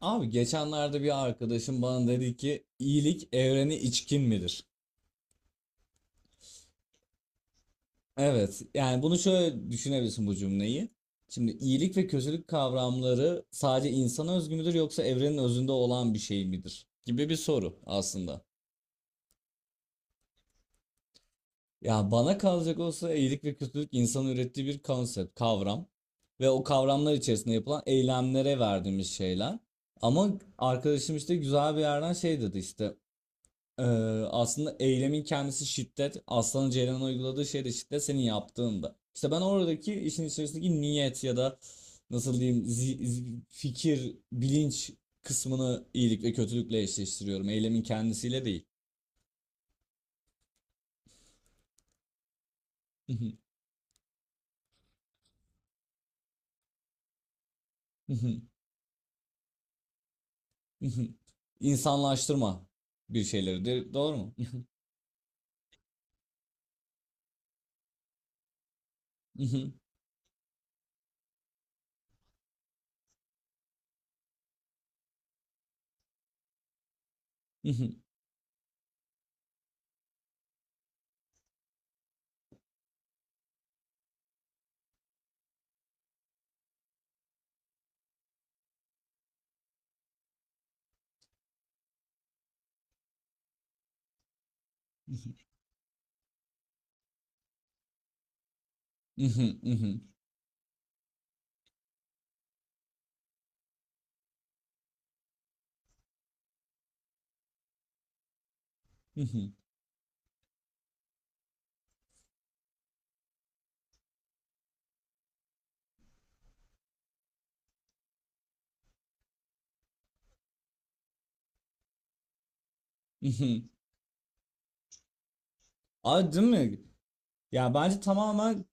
Abi geçenlerde bir arkadaşım bana dedi ki, iyilik evreni içkin midir?" Evet, yani bunu şöyle düşünebilirsin bu cümleyi. Şimdi iyilik ve kötülük kavramları sadece insana özgü müdür, yoksa evrenin özünde olan bir şey midir gibi bir soru aslında. Ya bana kalacak olsa, iyilik ve kötülük insanın ürettiği bir konsept, kavram ve o kavramlar içerisinde yapılan eylemlere verdiğimiz şeyler. Ama arkadaşım işte güzel bir yerden şey dedi işte. Ee, Aslında eylemin kendisi şiddet. Aslan'ın Ceylan'a uyguladığı şey de şiddet, senin yaptığında. İşte ben oradaki işin içerisindeki niyet ya da nasıl diyeyim fikir, bilinç kısmını iyilik ve kötülükle eşleştiriyorum. Eylemin kendisiyle değil. İnsanlaştırma bir şeyleridir. Doğru mu? Abi, değil mi? Ya bence tamamen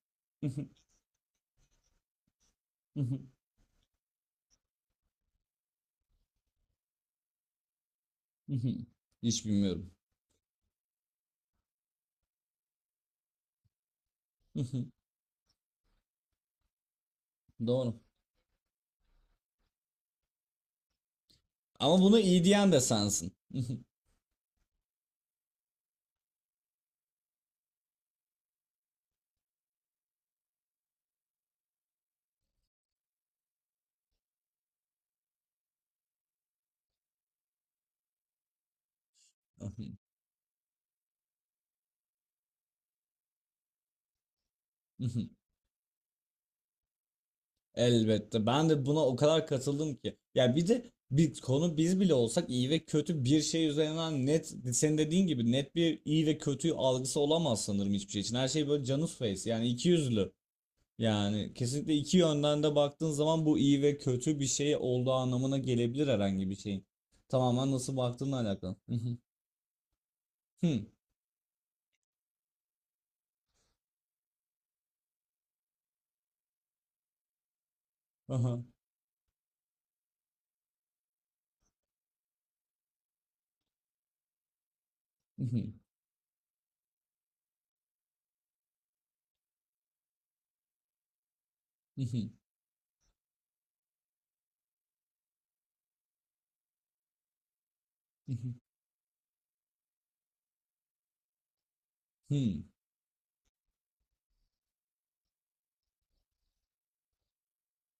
hiç bilmiyorum. Doğru. Ama bunu iyi diyen de sensin. Elbette. Ben de buna o kadar katıldım ki. Ya bir de bir konu, biz bile olsak iyi ve kötü bir şey üzerinden net, senin dediğin gibi net bir iyi ve kötü algısı olamaz sanırım hiçbir şey için. Her şey böyle canus face, yani iki yüzlü. Yani kesinlikle iki yönden de baktığın zaman bu iyi ve kötü bir şey olduğu anlamına gelebilir herhangi bir şeyin. Tamamen nasıl baktığınla alakalı.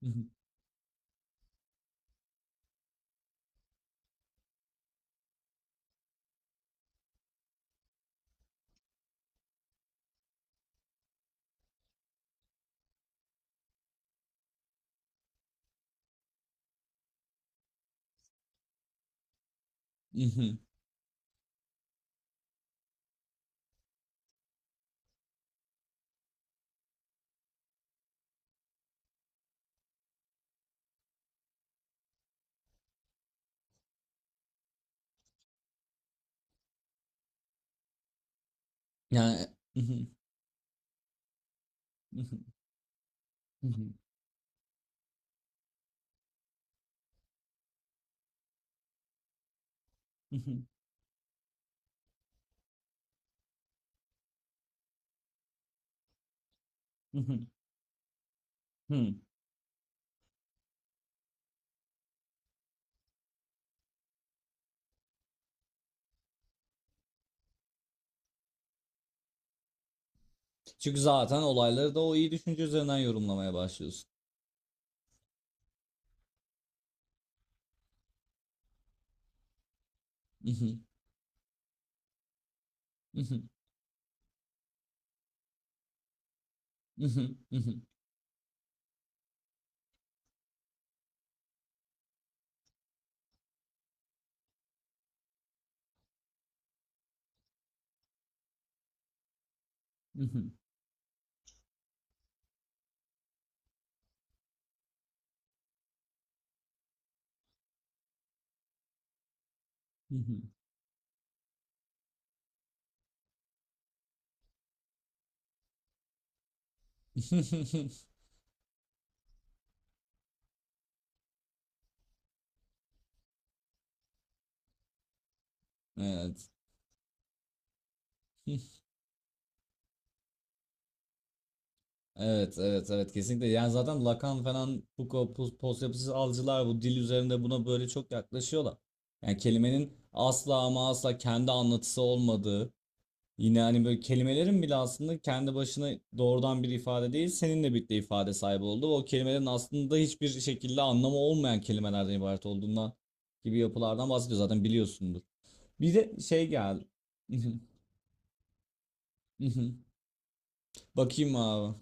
Mhm. Yani mhm, mhm, mhm, mhm, mhm, mhm. Çünkü zaten olayları da o iyi düşünce üzerinden yorumlamaya başlıyorsun. Mhm, mhm, mhm, mhm, mhm, mhm. Evet. Evet, evet, evet, kesinlikle. Yani zaten Lacan falan, Foucault, post algıcılar bu dil üzerinde buna böyle çok yaklaşıyorlar. Yani kelimenin asla ama asla kendi anlatısı olmadığı. Yine hani böyle kelimelerin bile aslında kendi başına doğrudan bir ifade değil, seninle birlikte ifade sahibi oldu. Ve o kelimelerin aslında hiçbir şekilde anlamı olmayan kelimelerden ibaret olduğundan gibi yapılardan bahsediyor, zaten biliyorsundur. Bir de şey geldi. Bakayım abi.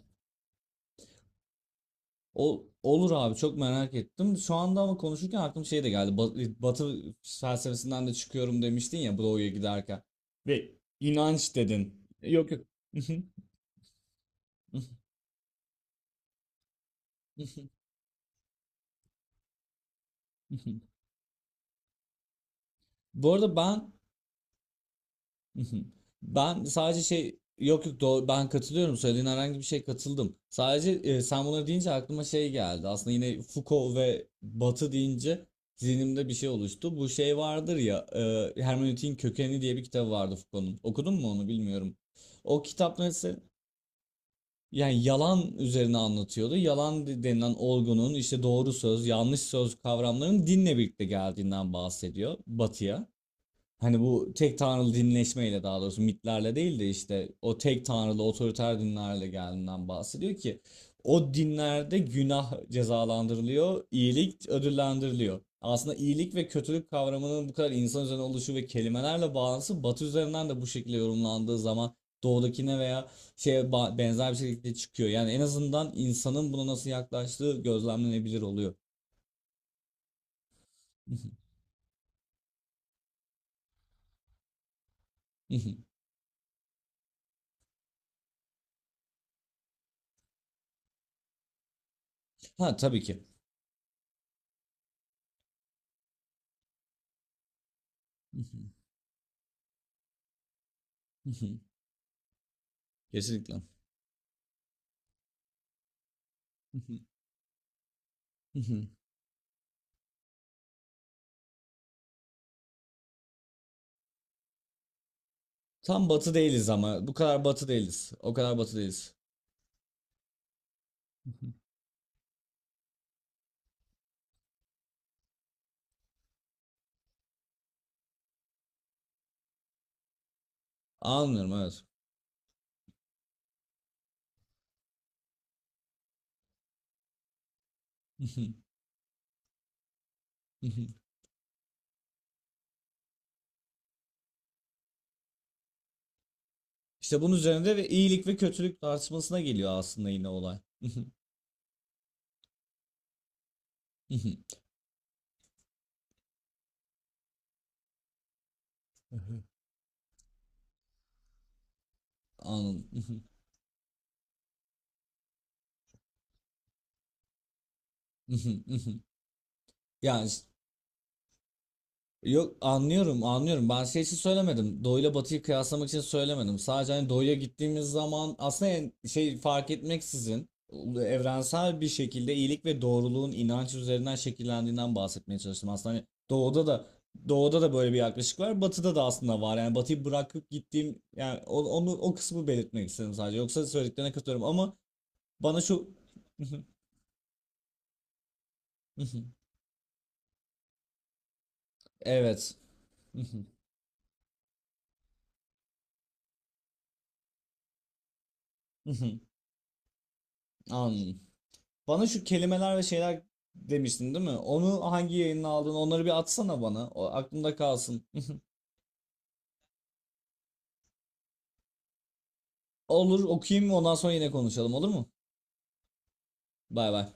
Olur abi, çok merak ettim. Şu anda ama konuşurken aklıma şey de geldi. Batı felsefesinden de çıkıyorum demiştin ya Doğu'ya giderken. Ve inanç dedin. Yok yok. Bu arada ben hı hı. Ben sadece şey, yok yok doğru, ben katılıyorum, söylediğin herhangi bir şey katıldım. Sadece sen bunları deyince aklıma şey geldi. Aslında yine Foucault ve Batı deyince zihnimde bir şey oluştu. Bu şey vardır ya, Hermeneutiğin Kökeni diye bir kitabı vardı Foucault'un. Okudun mu onu bilmiyorum. O kitap mesela yani yalan üzerine anlatıyordu. Yalan denilen olgunun, işte doğru söz, yanlış söz kavramlarının dinle birlikte geldiğinden bahsediyor Batı'ya. Hani bu tek tanrılı dinleşmeyle, daha doğrusu mitlerle değil de işte o tek tanrılı otoriter dinlerle geldiğinden bahsediyor ki o dinlerde günah cezalandırılıyor, iyilik ödüllendiriliyor. Aslında iyilik ve kötülük kavramının bu kadar insan üzerine oluşu ve kelimelerle bağlantısı Batı üzerinden de bu şekilde yorumlandığı zaman doğudakine veya şeye benzer bir şekilde çıkıyor. Yani en azından insanın buna nasıl yaklaştığı gözlemlenebilir oluyor. Ha, tabii ki. Kesinlikle. Hı hı. Tam batı değiliz ama. Bu kadar batı değiliz. O kadar batı değiliz. Hı hı. Anlıyorum, evet. Hı hı. Hı hı. İşte bunun üzerinde ve iyilik ve kötülük tartışmasına geliyor aslında yine olay. Hı hı. Hı hı. Hı hı. Anladım. Hı hı. Hı hı. Hı hı. Yani işte, yok anlıyorum anlıyorum. Ben şey için söylemedim. Doğuyla batıyı kıyaslamak için söylemedim. Sadece hani doğuya gittiğimiz zaman aslında yani şey fark etmeksizin evrensel bir şekilde iyilik ve doğruluğun inanç üzerinden şekillendiğinden bahsetmeye çalıştım. Aslında hani doğuda da böyle bir yaklaşık var. Batıda da aslında var. Yani batıyı bırakıp gittiğim yani onu o kısmı belirtmek istedim sadece. Yoksa söylediklerine katılıyorum ama bana şu evet. Anladım. Bana şu kelimeler ve şeyler demiştin değil mi? Onu hangi yayınla aldın? Onları bir atsana bana. O aklımda kalsın. Olur, okuyayım, ondan sonra yine konuşalım, olur mu? Bay bay.